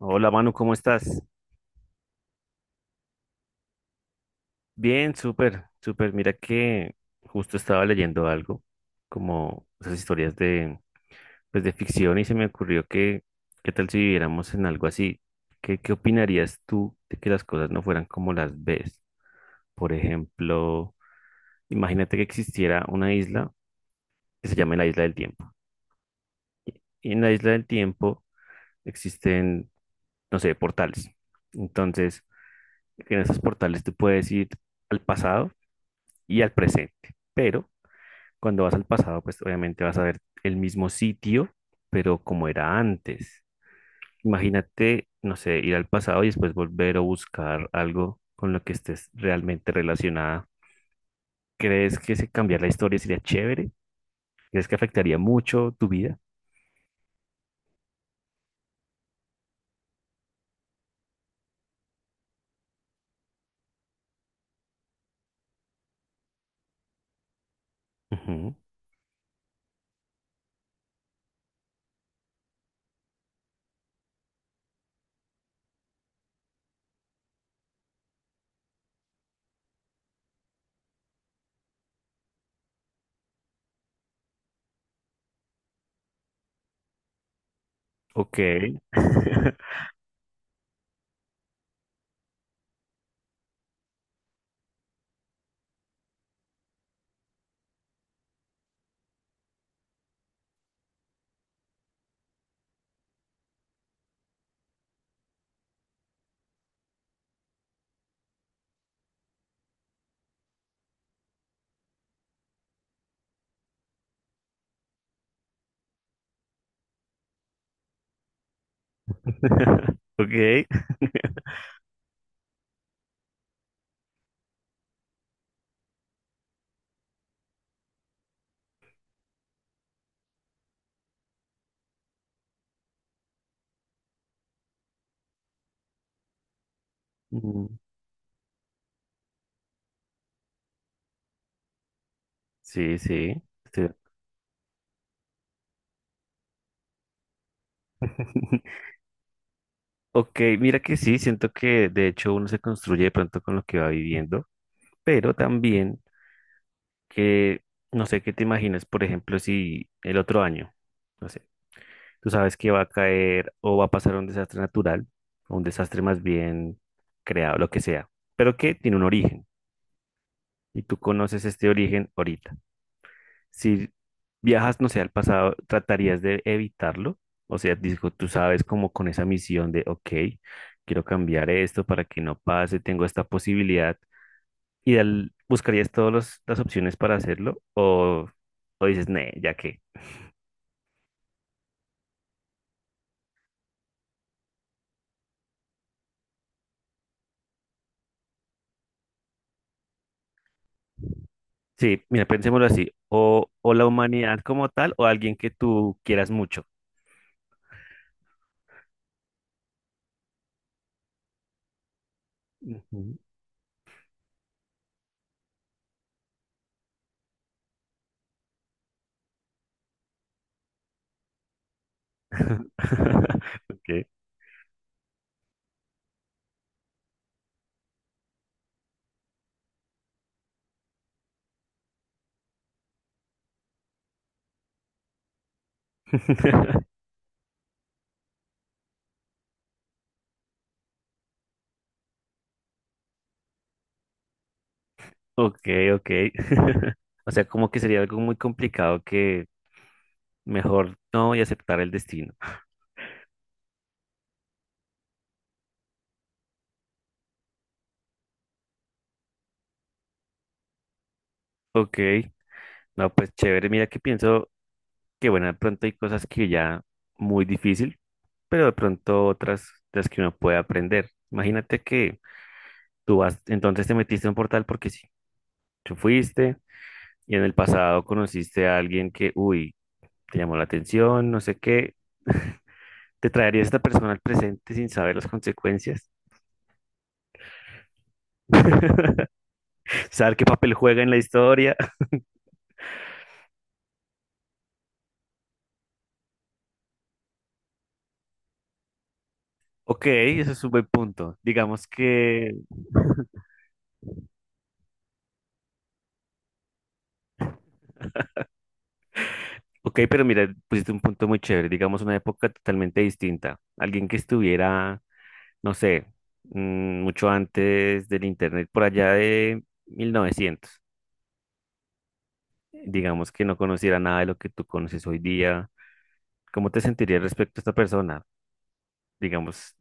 Hola Manu, ¿cómo estás? Bien, súper, súper. Mira que justo estaba leyendo algo, como esas historias pues de ficción y se me ocurrió que, ¿qué tal si viviéramos en algo así? ¿Qué opinarías tú de que las cosas no fueran como las ves? Por ejemplo, imagínate que existiera una isla que se llame la Isla del Tiempo. Y en la Isla del Tiempo existen, no sé, portales. Entonces, en esos portales tú puedes ir al pasado y al presente. Pero cuando vas al pasado, pues obviamente vas a ver el mismo sitio, pero como era antes. Imagínate, no sé, ir al pasado y después volver o buscar algo con lo que estés realmente relacionada. ¿Crees que si cambiar la historia sería chévere? ¿Crees que afectaría mucho tu vida? Ujú. Ok. Ok. Mm, sí, sí. estoy- Ok, mira que sí, siento que de hecho uno se construye de pronto con lo que va viviendo, pero también que, no sé qué te imaginas, por ejemplo, si el otro año, no sé, tú sabes que va a caer o va a pasar un desastre natural, o un desastre más bien creado, lo que sea, pero que tiene un origen y tú conoces este origen ahorita. Si viajas, no sé, al pasado, tratarías de evitarlo, o sea, digo, tú sabes como con esa misión de, ok, quiero cambiar esto para que no pase, tengo esta posibilidad ideal, ¿buscarías todas las opciones para hacerlo? ¿O dices, nee, ya que? Sí, mira, pensémoslo así. O la humanidad como tal, o alguien que tú quieras mucho. Ujú. Ok. Ok, ok. O sea, como que sería algo muy complicado que mejor no y aceptar el destino. Ok, no, pues chévere. Mira que pienso que, bueno, de pronto hay cosas que ya muy difícil, pero de pronto otras las que uno puede aprender. Imagínate que tú vas, entonces te metiste en un portal porque sí, tú fuiste y en el pasado conociste a alguien que, uy, te llamó la atención, no sé qué. Te traería esta persona al presente sin saber las consecuencias, saber qué papel juega en la historia. Ok, eso es un buen punto. Digamos que, ok, pero mira, pusiste un punto muy chévere, digamos una época totalmente distinta. Alguien que estuviera, no sé, mucho antes del internet, por allá de 1900. Digamos que no conociera nada de lo que tú conoces hoy día, ¿cómo te sentirías respecto a esta persona? Digamos.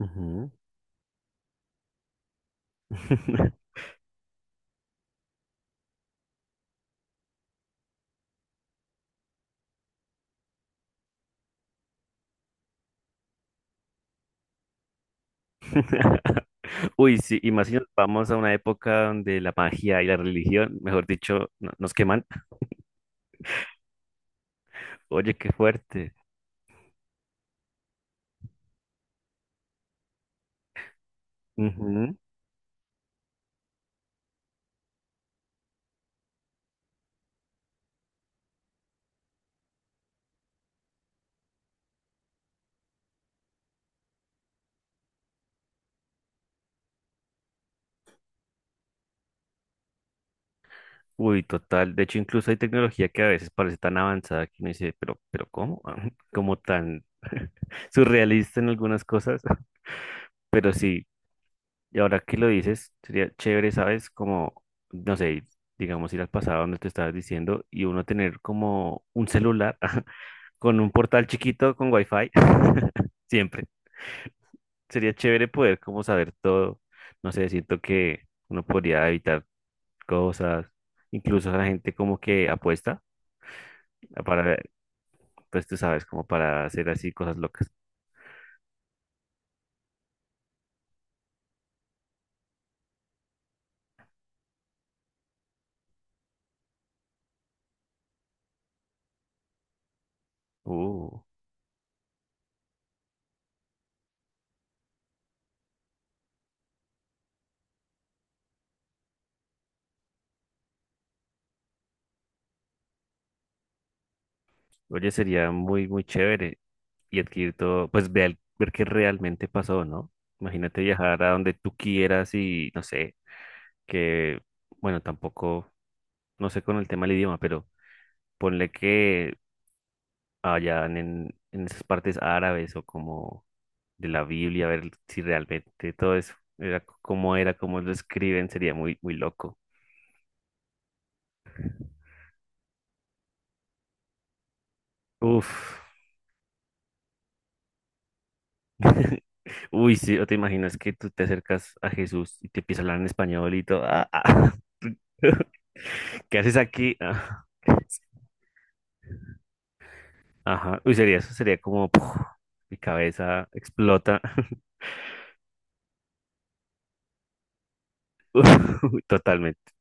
Ujú. Uy, sí, y más si nos vamos a una época donde la magia y la religión, mejor dicho, nos queman. Oye, qué fuerte. Ujú. Uy, total. De hecho, incluso hay tecnología que a veces parece tan avanzada que uno dice, pero ¿cómo? Como tan surrealista en algunas cosas. Pero sí. Y ahora que lo dices, sería chévere, ¿sabes? Como, no sé, digamos ir al pasado donde te estabas diciendo y uno tener como un celular con un portal chiquito con wifi. Siempre. Sería chévere poder como saber todo. No sé, siento que uno podría evitar cosas. Incluso la gente como que apuesta para, pues tú sabes, como para hacer así cosas locas. Uh. Oye, sería muy, muy chévere y adquirir todo, pues ver qué realmente pasó, ¿no? Imagínate viajar a donde tú quieras y no sé, que, bueno, tampoco, no sé con el tema del idioma, pero ponle que allá en esas partes árabes o como de la Biblia, ver si realmente todo eso era cómo era, cómo lo escriben, sería muy, muy loco. Uf, uy, sí, o te imaginas que tú te acercas a Jesús y te empieza a hablar en español y todo. "Ah, ah, ¿qué haces aquí? Ah, ajá. Uy, sería eso, sería como puf, mi cabeza explota. Uy, totalmente.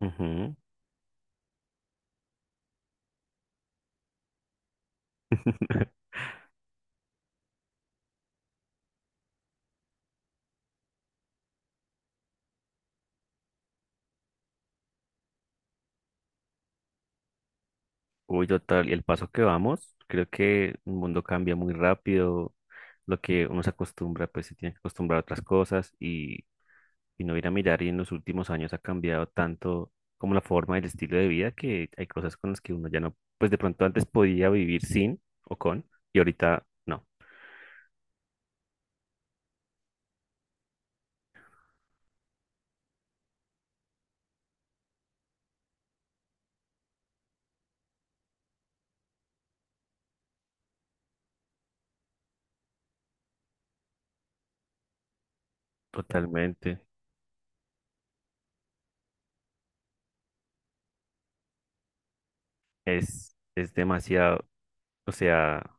Ujú. Uy, total. Y el paso que vamos, creo que el mundo cambia muy rápido. Lo que uno se acostumbra, pues se tiene que acostumbrar a otras cosas y no ir a mirar y en los últimos años ha cambiado tanto como la forma y el estilo de vida que hay cosas con las que uno ya no, pues de pronto antes podía vivir sin o con y ahorita no, totalmente. Es demasiado, o sea,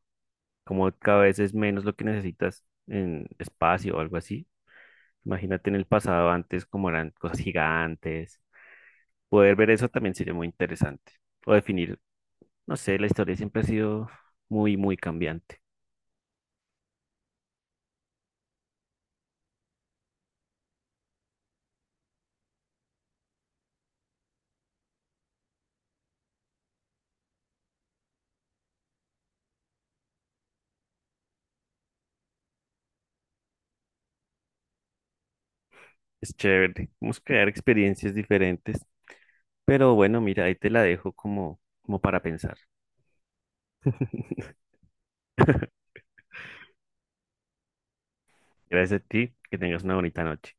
como cada vez es menos lo que necesitas en espacio o algo así. Imagínate en el pasado antes como eran cosas gigantes. Poder ver eso también sería muy interesante. O definir, no sé, la historia siempre ha sido muy, muy cambiante. Es chévere. Vamos a crear experiencias diferentes. Pero bueno, mira, ahí te la dejo como, para pensar. Gracias a ti. Que tengas una bonita noche.